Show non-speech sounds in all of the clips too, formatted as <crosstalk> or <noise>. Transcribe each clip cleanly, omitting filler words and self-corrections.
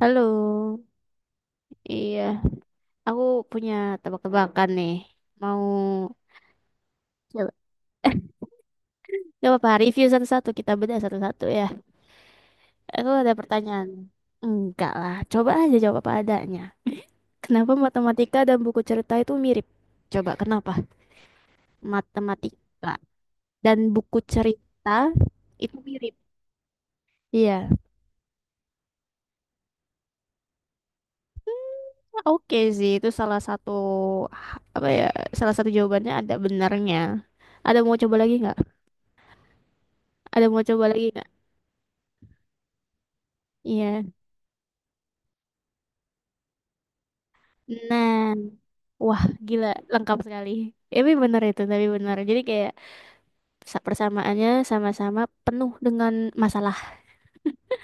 Halo, iya, aku punya tebak-tebakan nih. Mau coba, gak apa-apa, review satu-satu, kita bedah satu-satu ya. Aku ada pertanyaan. Enggak lah, coba aja jawab apa adanya. Kenapa matematika dan buku cerita itu mirip? Coba kenapa matematika dan buku cerita itu mirip? Iya, oke sih, itu salah satu apa ya? Salah satu jawabannya ada benarnya. Ada mau coba lagi nggak? Ada mau coba lagi nggak? Iya. Nah, wah gila lengkap sekali. Tapi benar itu, tapi benar. Jadi kayak persamaannya sama-sama penuh dengan masalah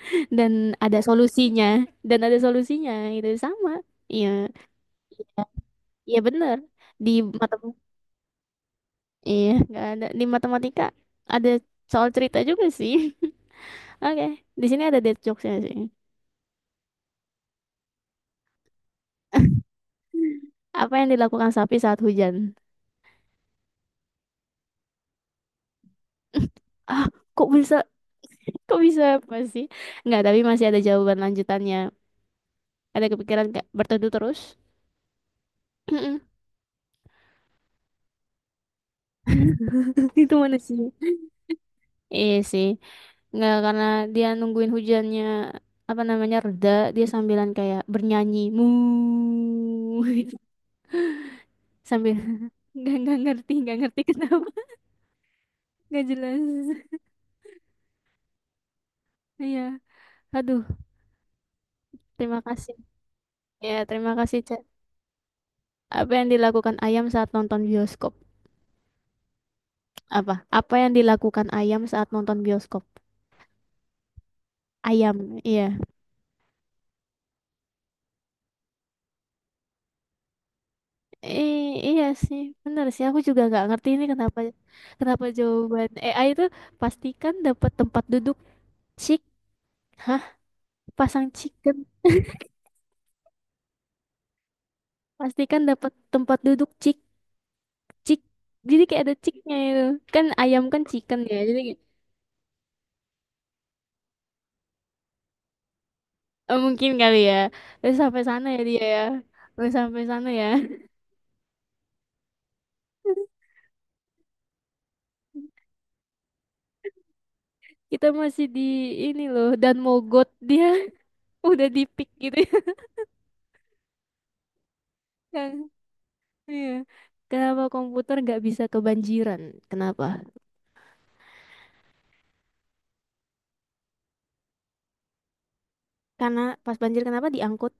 <laughs> dan ada solusinya dan ada solusinya itu sama. Iya, iya benar. Di mata iya nggak ada di matematika ada soal cerita juga sih. <laughs> Oke, di sini ada dead jokesnya sih. Apa yang dilakukan sapi saat hujan? <laughs> Ah, kok bisa? Kok bisa apa sih? Nggak, tapi masih ada jawaban lanjutannya. Ada kepikiran nggak berteduh terus? <laughs> Itu mana sih? Iya sih. Nggak, karena dia nungguin hujannya, apa namanya, reda, dia sambilan kayak bernyanyi. Mu gitu. <laughs> Sambil nggak ngerti, nggak ngerti kenapa. <laughs> Nggak jelas. Iya. Aduh, terima kasih. Ya, terima kasih, Cak. Apa yang dilakukan ayam saat nonton bioskop? Apa? Apa yang dilakukan ayam saat nonton bioskop? Ayam, iya. Iya sih, bener sih. Aku juga nggak ngerti ini kenapa kenapa jawaban AI itu pastikan dapat tempat duduk cik, hah? Pasang chicken, pastikan dapat tempat duduk cik cik. Jadi kayak ada ciknya itu. Kan ayam kan chicken ya. Jadi kayak- eh, mungkin kali ya. Terus sampai sana ya dia ya. Terus sampai sana ya. <laughs> Kita masih di ini loh dan mogot dia <laughs> udah di pick gitu ya. <laughs> Yang- Iya. Kenapa komputer nggak bisa kebanjiran? Kenapa? Karena pas banjir kenapa diangkut?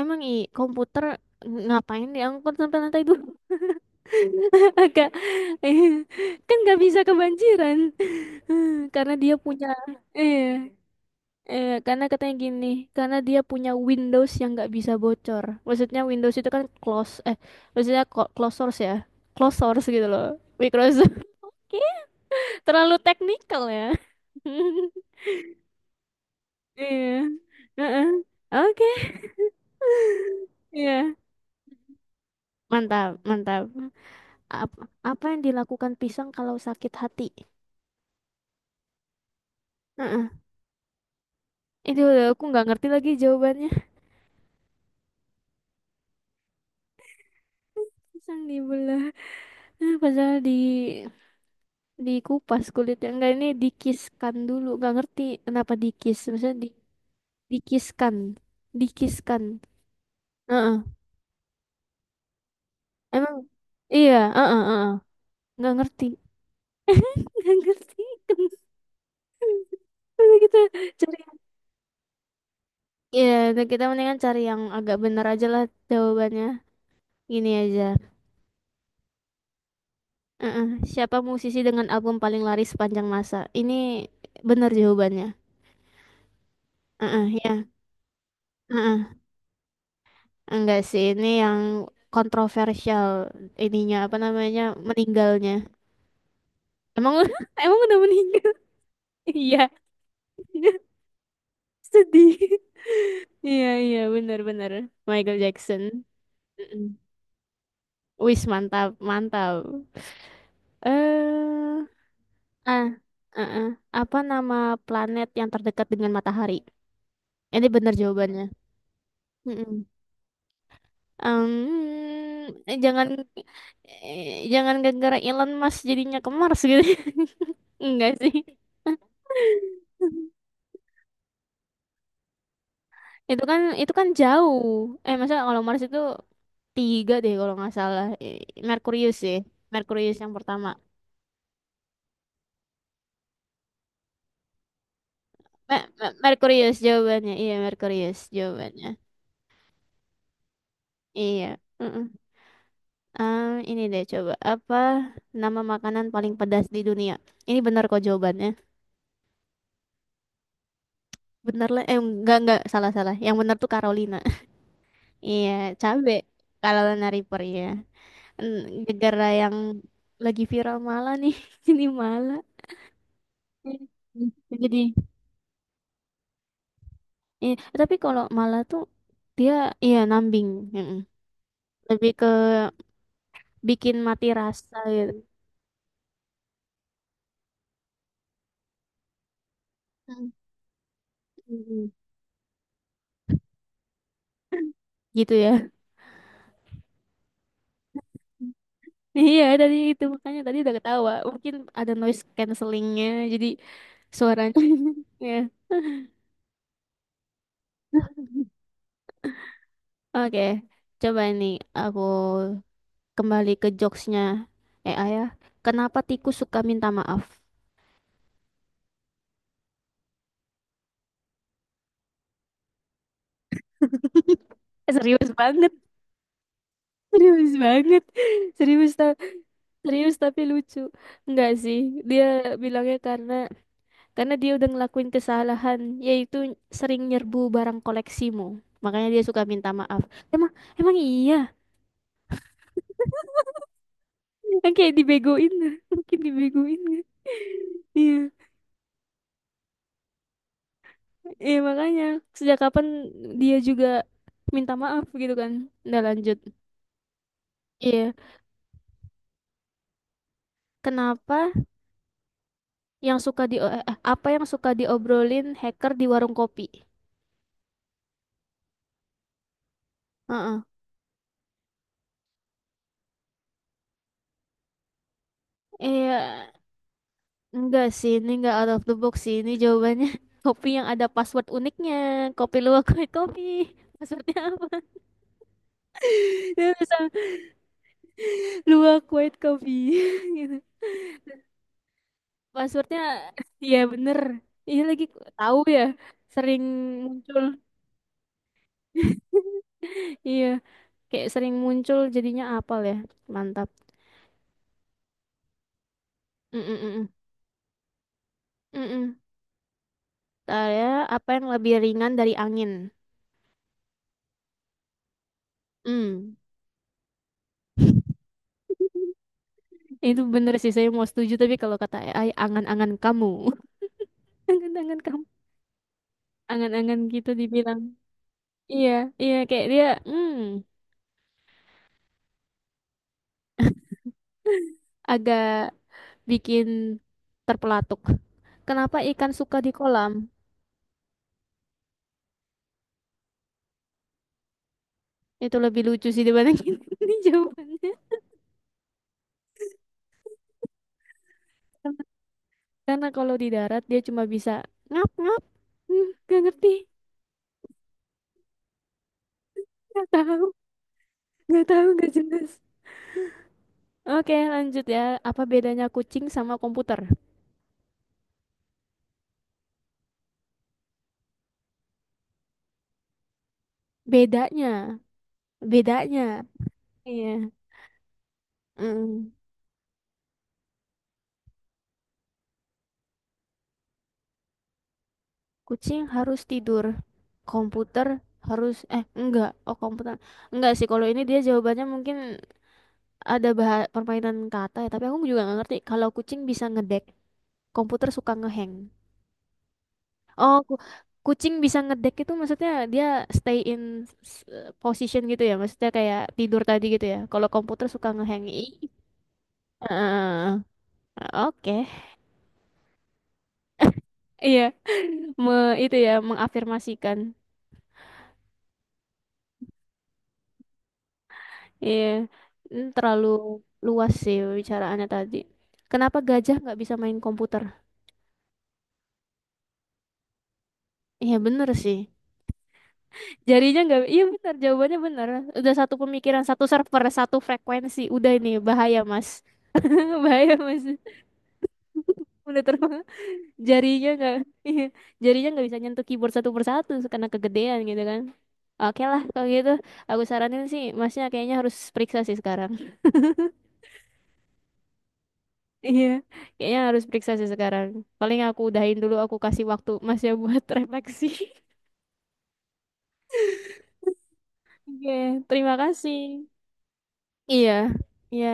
Emang i komputer ngapain diangkut sampai lantai dua? <laughs> Agak <laughs> kan nggak bisa kebanjiran <laughs> karena dia punya eh karena katanya gini, karena dia punya Windows yang nggak bisa bocor. Maksudnya Windows itu kan close eh maksudnya close source ya. Close source gitu loh. Microsoft. <laughs> Terlalu teknikal ya. <laughs> Iya. Heeh. Oke. <laughs> Iya. Mantap, mantap. Apa, apa yang dilakukan pisang kalau sakit hati? Heeh. Itu udah aku nggak ngerti lagi jawabannya. Pisang dibelah, eh, padahal di dikupas kulitnya. Enggak, ini dikiskan dulu. Nggak ngerti kenapa dikis. Maksudnya di, dikiskan, dikiskan. Heeh. Emang iya, heeh, heeh. Nggak ngerti. <laughs> Nggak ngerti. Udah kita cari. Iya, udah kita mendingan cari yang agak bener aja lah jawabannya. Gini aja. Heeh. Siapa musisi dengan album paling laris sepanjang masa? Ini benar jawabannya. Heeh, ya. Heeh. Enggak sih, ini yang kontroversial ininya apa namanya? Meninggalnya. Emang <laughs> emang udah meninggal? <laughs> Iya. <laughs> Sedih. Iya, iya, benar-benar. Michael Jackson. Mm-mm. Wis mantap, mantap. Eh, ah, eh, eh. Apa nama planet yang terdekat dengan matahari? Ini benar jawabannya. Mm-mm. Em, eh, jangan eh, jangan gara-gara Elon Musk jadinya ke Mars gitu. <laughs> Enggak sih. Itu kan jauh. Eh masa kalau Mars itu tiga deh kalau nggak salah. Eh, Merkurius sih. Merkurius yang pertama. Merkurius jawabannya. Iya, Merkurius jawabannya. Iya. Mm-mm. Ah, ini deh coba apa nama makanan paling pedas di dunia? Ini benar kok jawabannya. Bener lah. Eh enggak salah salah. Yang benar tuh Carolina. Iya, cabe kalau Lana River ya. En- Gegara yang lagi viral malah nih, <laughs> ini malah. Iya. Jadi, iya. Tapi kalau malah tuh dia iya nambing, mm-mm. Lebih ke bikin mati rasa gitu. Mm. Mm-mm. Gitu ya. <laughs> Iya, tadi itu makanya tadi udah ketawa. Mungkin ada noise cancellingnya, jadi suaranya. <laughs> Iya. Oke, coba nih aku kembali ke jokesnya eh ya. Kenapa tikus suka minta maaf? <laughs> Serius banget, serius banget, serius tau. Serius tapi lucu. Enggak sih. Dia bilangnya karena dia udah ngelakuin kesalahan yaitu sering nyerbu barang koleksimu. Makanya dia suka minta maaf. Emang emang iya. Kan kayak dibegoin. <laughs> Mungkin dibegoin. Nggak? Iya. Iya makanya sejak kapan dia juga minta maaf gitu kan. Udah lanjut. Iya, kenapa yang suka di eh, eh, apa yang suka diobrolin hacker di warung kopi? Heeh. Iya, enggak sih, ini enggak out of the box sih. Ini jawabannya <laughs> kopi yang ada password uniknya. Kopi luwak white kopi. Passwordnya apa? <laughs> Dia bisa luwak white coffee <laughs> gitu. Passwordnya, iya bener. Iya lagi tahu ya, sering muncul. <laughs> Iya, kayak sering muncul jadinya apal ya. Mantap. Mm -mm -mm. Ada apa yang lebih ringan dari angin? Hmm, itu bener sih saya mau setuju tapi kalau kata AI angan-angan kamu, <laughs> angan-angan kamu, angan-angan gitu dibilang. Iya, iya kayak dia hmm agak bikin terpelatuk. Kenapa ikan suka di kolam? Itu lebih lucu sih dibandingin <laughs> ini jawabannya. Karena karena kalau di darat dia cuma bisa ngap-ngap. Hmm, gak ngerti, gak tahu, gak tahu, gak jelas. Oke, lanjut ya. Apa bedanya kucing sama komputer? Bedanya, bedanya. Iya. Mm. Kucing harus tidur. Komputer harus eh enggak, oh komputer. Enggak sih kalau ini dia jawabannya mungkin ada permainan kata ya, tapi aku juga nggak ngerti kalau kucing bisa ngedek, komputer suka ngehang. Oh, kucing bisa ngedek itu maksudnya dia stay in s- position gitu ya, maksudnya kayak tidur tadi gitu ya. Kalau komputer suka ngehang. Ih. Eh, oke. Iya, <laughs> me itu ya mengafirmasikan. Iya, mm, terlalu luas sih bicaraannya tadi. Kenapa gajah nggak bisa main komputer? Iya bener sih. Jarinya nggak, iya bener jawabannya bener. Udah satu pemikiran, satu server, satu frekuensi. Udah ini bahaya mas, <laughs> bahaya mas. Udah terbang, <laughs> jarinya nggak, iya. jarinya nggak bisa nyentuh keyboard satu persatu karena kegedean gitu kan. Oke lah kalau gitu, aku saranin sih masnya kayaknya harus periksa sih sekarang. Iya, kayaknya harus periksa sih sekarang. Paling aku udahin dulu, aku kasih waktu Mas ya buat <laughs> refleksi. Oke, terima kasih. Iya, iya.